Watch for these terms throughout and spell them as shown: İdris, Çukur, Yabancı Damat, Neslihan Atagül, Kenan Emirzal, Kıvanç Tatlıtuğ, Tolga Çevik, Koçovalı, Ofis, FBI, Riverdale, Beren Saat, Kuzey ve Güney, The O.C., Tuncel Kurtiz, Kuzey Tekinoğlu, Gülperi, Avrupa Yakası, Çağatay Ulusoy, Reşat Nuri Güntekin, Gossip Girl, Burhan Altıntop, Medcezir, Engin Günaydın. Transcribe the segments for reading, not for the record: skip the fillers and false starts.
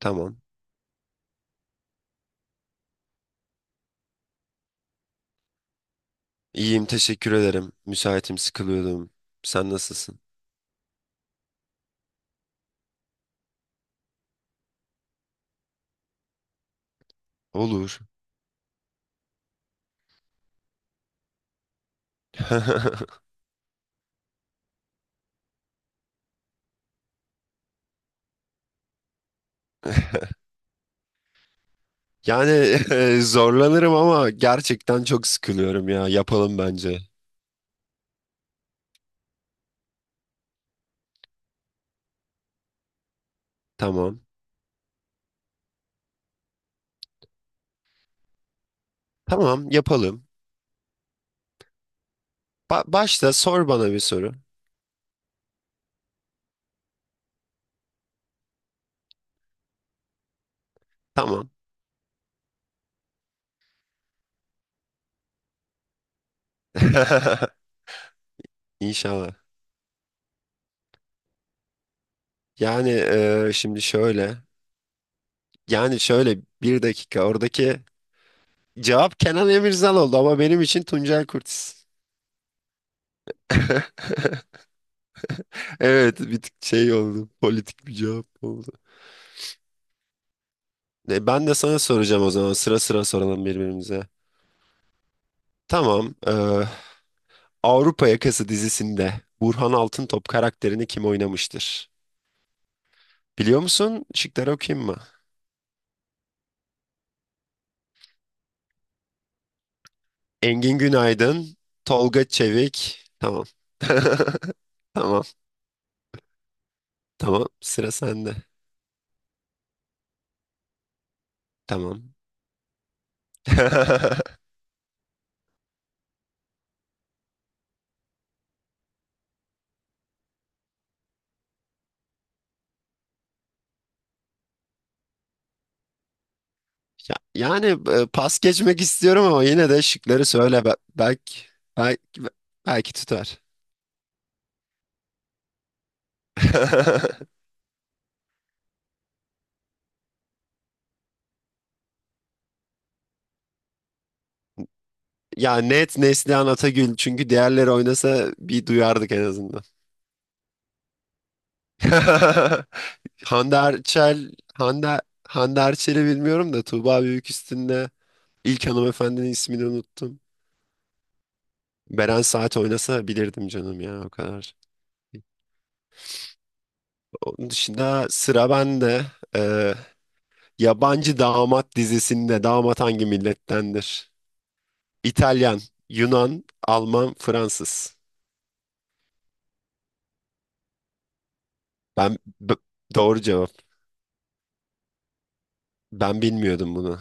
Tamam. İyiyim, teşekkür ederim. Müsaitim, sıkılıyordum. Sen nasılsın? Olur. Yani zorlanırım ama gerçekten çok sıkılıyorum ya. Yapalım bence. Tamam. Tamam, yapalım. Başla sor bana bir soru. Tamam. İnşallah. Yani şimdi şöyle. Yani şöyle bir dakika. Oradaki cevap Kenan Emirzal oldu ama benim için Tuncel Kurtiz. Evet, bir tık şey oldu. Politik bir cevap oldu. Ben de sana soracağım o zaman. Sıra sıra soralım birbirimize. Tamam. Avrupa Yakası dizisinde Burhan Altıntop karakterini kim oynamıştır? Biliyor musun? Şıkları okuyayım mı? Engin Günaydın, Tolga Çevik. Tamam. Tamam. Tamam. Sıra sende. Tamam. Ya- Yani pas geçmek istiyorum ama yine de şıkları söyle. Belki belki belki tutar. Ya, net Neslihan Atagül çünkü diğerleri oynasa bir duyardık en azından. Hande Erçel, Hande, Hande Erçel'i bilmiyorum da Tuğba Büyüküstün'de ilk hanımefendinin ismini unuttum. Beren Saat oynasa bilirdim canım ya o kadar. Onun dışında sıra bende. Ee, Yabancı Damat dizisinde damat hangi millettendir? İtalyan, Yunan, Alman, Fransız. Ben b- doğru cevap. Ben bilmiyordum bunu.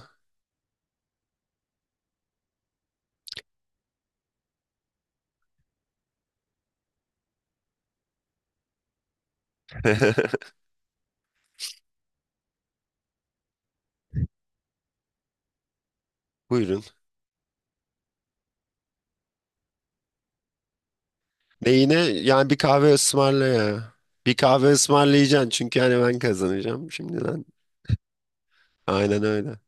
Buyurun. Neyine? Yani bir kahve ısmarla ya. Bir kahve ısmarlayacaksın çünkü hani ben kazanacağım şimdiden. Aynen öyle.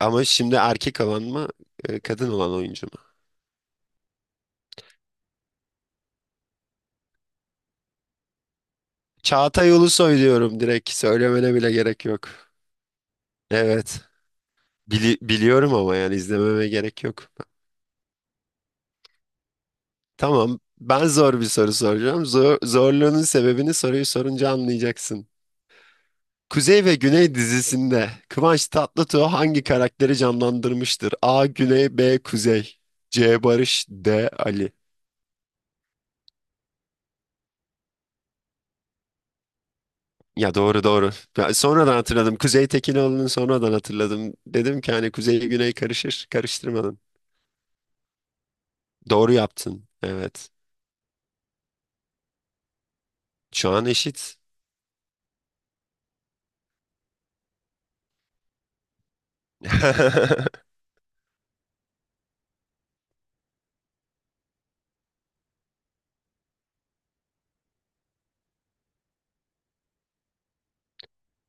Ama şimdi erkek olan mı, kadın olan oyuncu mu? Çağatay Ulusoy diyorum direkt. Söylemene bile gerek yok. Evet. Biliyorum ama yani izlememe gerek yok. Tamam. Ben zor bir soru soracağım. Zorluğunun sebebini soruyu sorunca anlayacaksın. Kuzey ve Güney dizisinde Kıvanç Tatlıtuğ hangi karakteri canlandırmıştır? A. Güney B. Kuzey C. Barış D. Ali. Ya, doğru doğru. Ya sonradan hatırladım. Kuzey Tekinoğlu'nu sonradan hatırladım. Dedim ki hani Kuzey Güney karışır. Karıştırmadım. Doğru yaptın. Evet. Şu an eşit.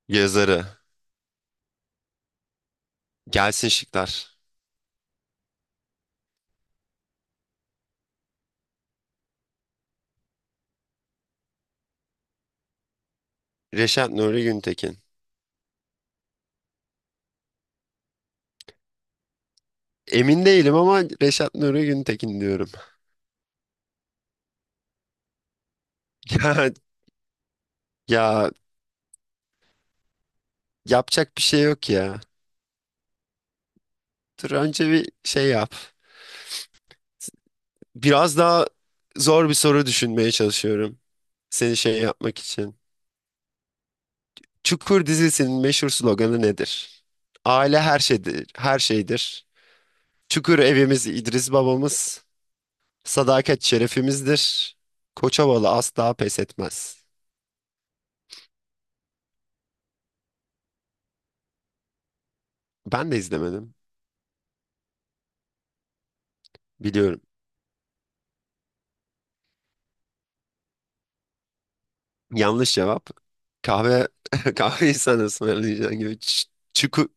Yazarı. Gelsin şıklar. Reşat Nuri Güntekin. Emin değilim ama Reşat Nuri Güntekin diyorum. Ya, ya yapacak bir şey yok ya. Dur önce bir şey yap. Biraz daha zor bir soru düşünmeye çalışıyorum. Seni şey yapmak için. Çukur dizisinin meşhur sloganı nedir? Aile her şeydir, her şeydir. Çukur evimiz İdris babamız. Sadakat şerefimizdir. Koçovalı asla pes etmez. Ben de izlemedim. Biliyorum. Yanlış cevap. Kahve kahve insanı ısmarlayacağın gibi. Ç- Çukur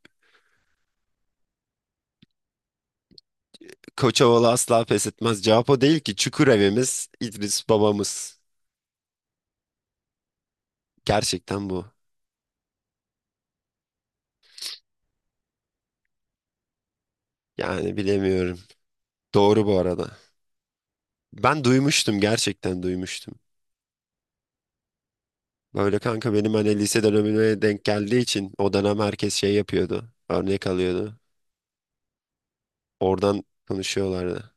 Koçovalı asla pes etmez. Cevap o değil ki. Çukur evimiz İdris babamız. Gerçekten bu. Yani bilemiyorum. Doğru bu arada. Ben duymuştum, gerçekten duymuştum. Böyle kanka benim hani lise dönemine denk geldiği için o dönem herkes şey yapıyordu. Örnek alıyordu. Oradan konuşuyorlardı.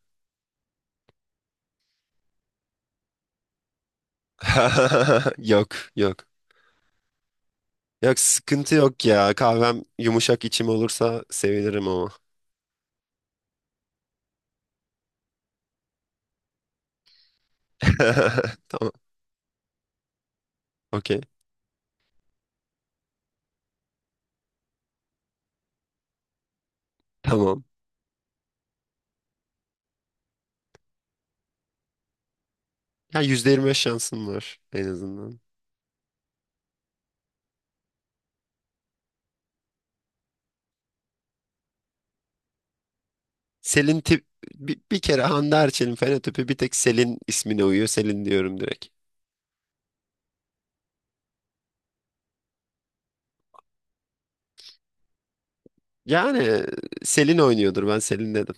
Yok, yok. Yok, sıkıntı yok ya. Kahvem yumuşak içim olursa sevinirim ama. Tamam, okey. Tamam. Ya, %25 şansım var en azından. Selin tip bir kere Hande Erçel'in fenotipi bir tek Selin ismine uyuyor. Selin diyorum direkt. Yani Selin oynuyordur, ben Selin dedim.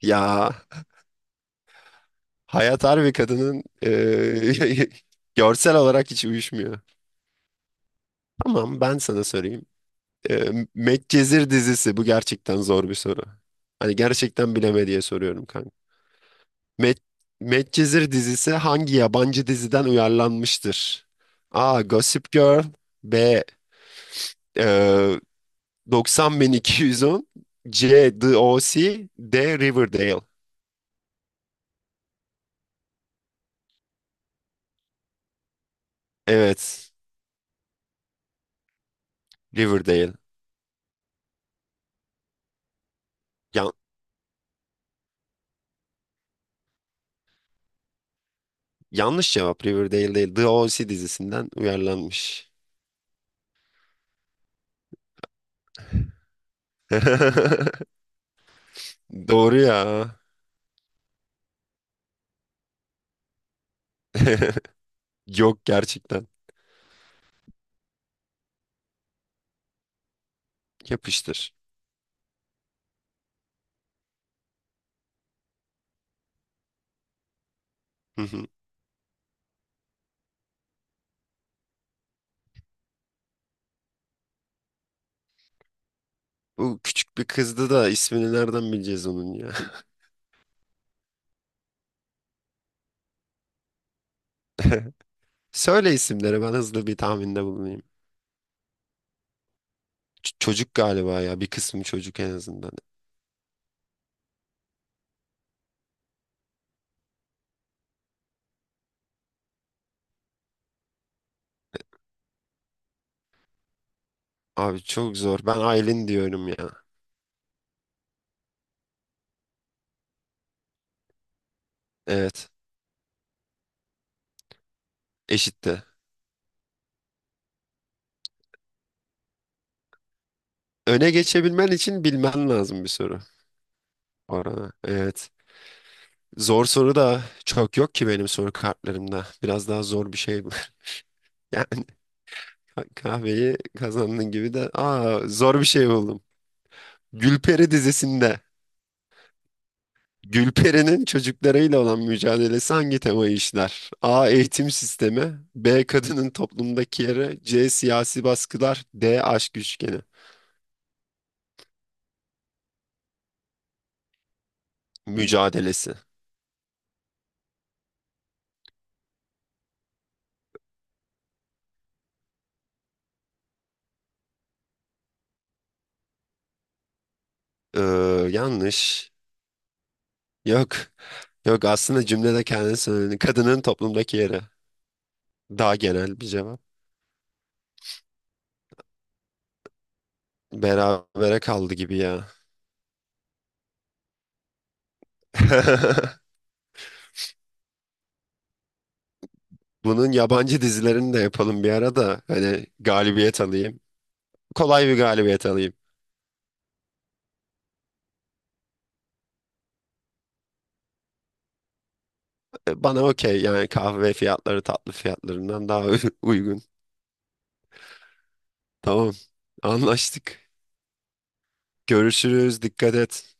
Ya, Hayat Harbi kadının görsel olarak hiç uyuşmuyor. Tamam, ben sana sorayım. Medcezir dizisi bu gerçekten zor bir soru. Hani gerçekten bileme diye soruyorum kanka. Med, Medcezir dizisi hangi yabancı diziden uyarlanmıştır? A. Gossip Girl B. E, 90210 C. The O C. D. Riverdale. Evet, Riverdale. Ya, yanlış cevap. Riverdale değil. The O.C. dizisinden uyarlanmış. Doğru ya. Yok, gerçekten. Yapıştır. Hı hı. Bu küçük bir kızdı da ismini nereden bileceğiz onun ya? Söyle isimleri, ben hızlı bir tahminde bulunayım. Çocuk galiba ya, bir kısmı çocuk en azından. Abi çok zor. Ben Aylin diyorum ya. Evet, eşitti. Öne geçebilmen için bilmen lazım bir soru. Orada. Evet. Zor soru da çok yok ki benim soru kartlarımda. Biraz daha zor bir şey bu. Yani kahveyi kazandın gibi de. Aa, zor bir şey buldum. Gülperi dizisinde Gülperi'nin çocuklarıyla olan mücadelesi hangi temayı işler? A. Eğitim sistemi. B. Kadının toplumdaki yeri. C. Siyasi baskılar. D. Aşk üçgeni. Mücadelesi. Ee, yanlış. Yok. Yok, aslında cümlede kendini söyledi. Kadının toplumdaki yeri. Daha genel bir cevap. Berabere kaldı gibi ya. Bunun yabancı dizilerini de yapalım bir ara da hani galibiyet alayım. Kolay bir galibiyet alayım. Bana okey, yani kahve fiyatları tatlı fiyatlarından daha uygun. Tamam. Anlaştık. Görüşürüz. Dikkat et.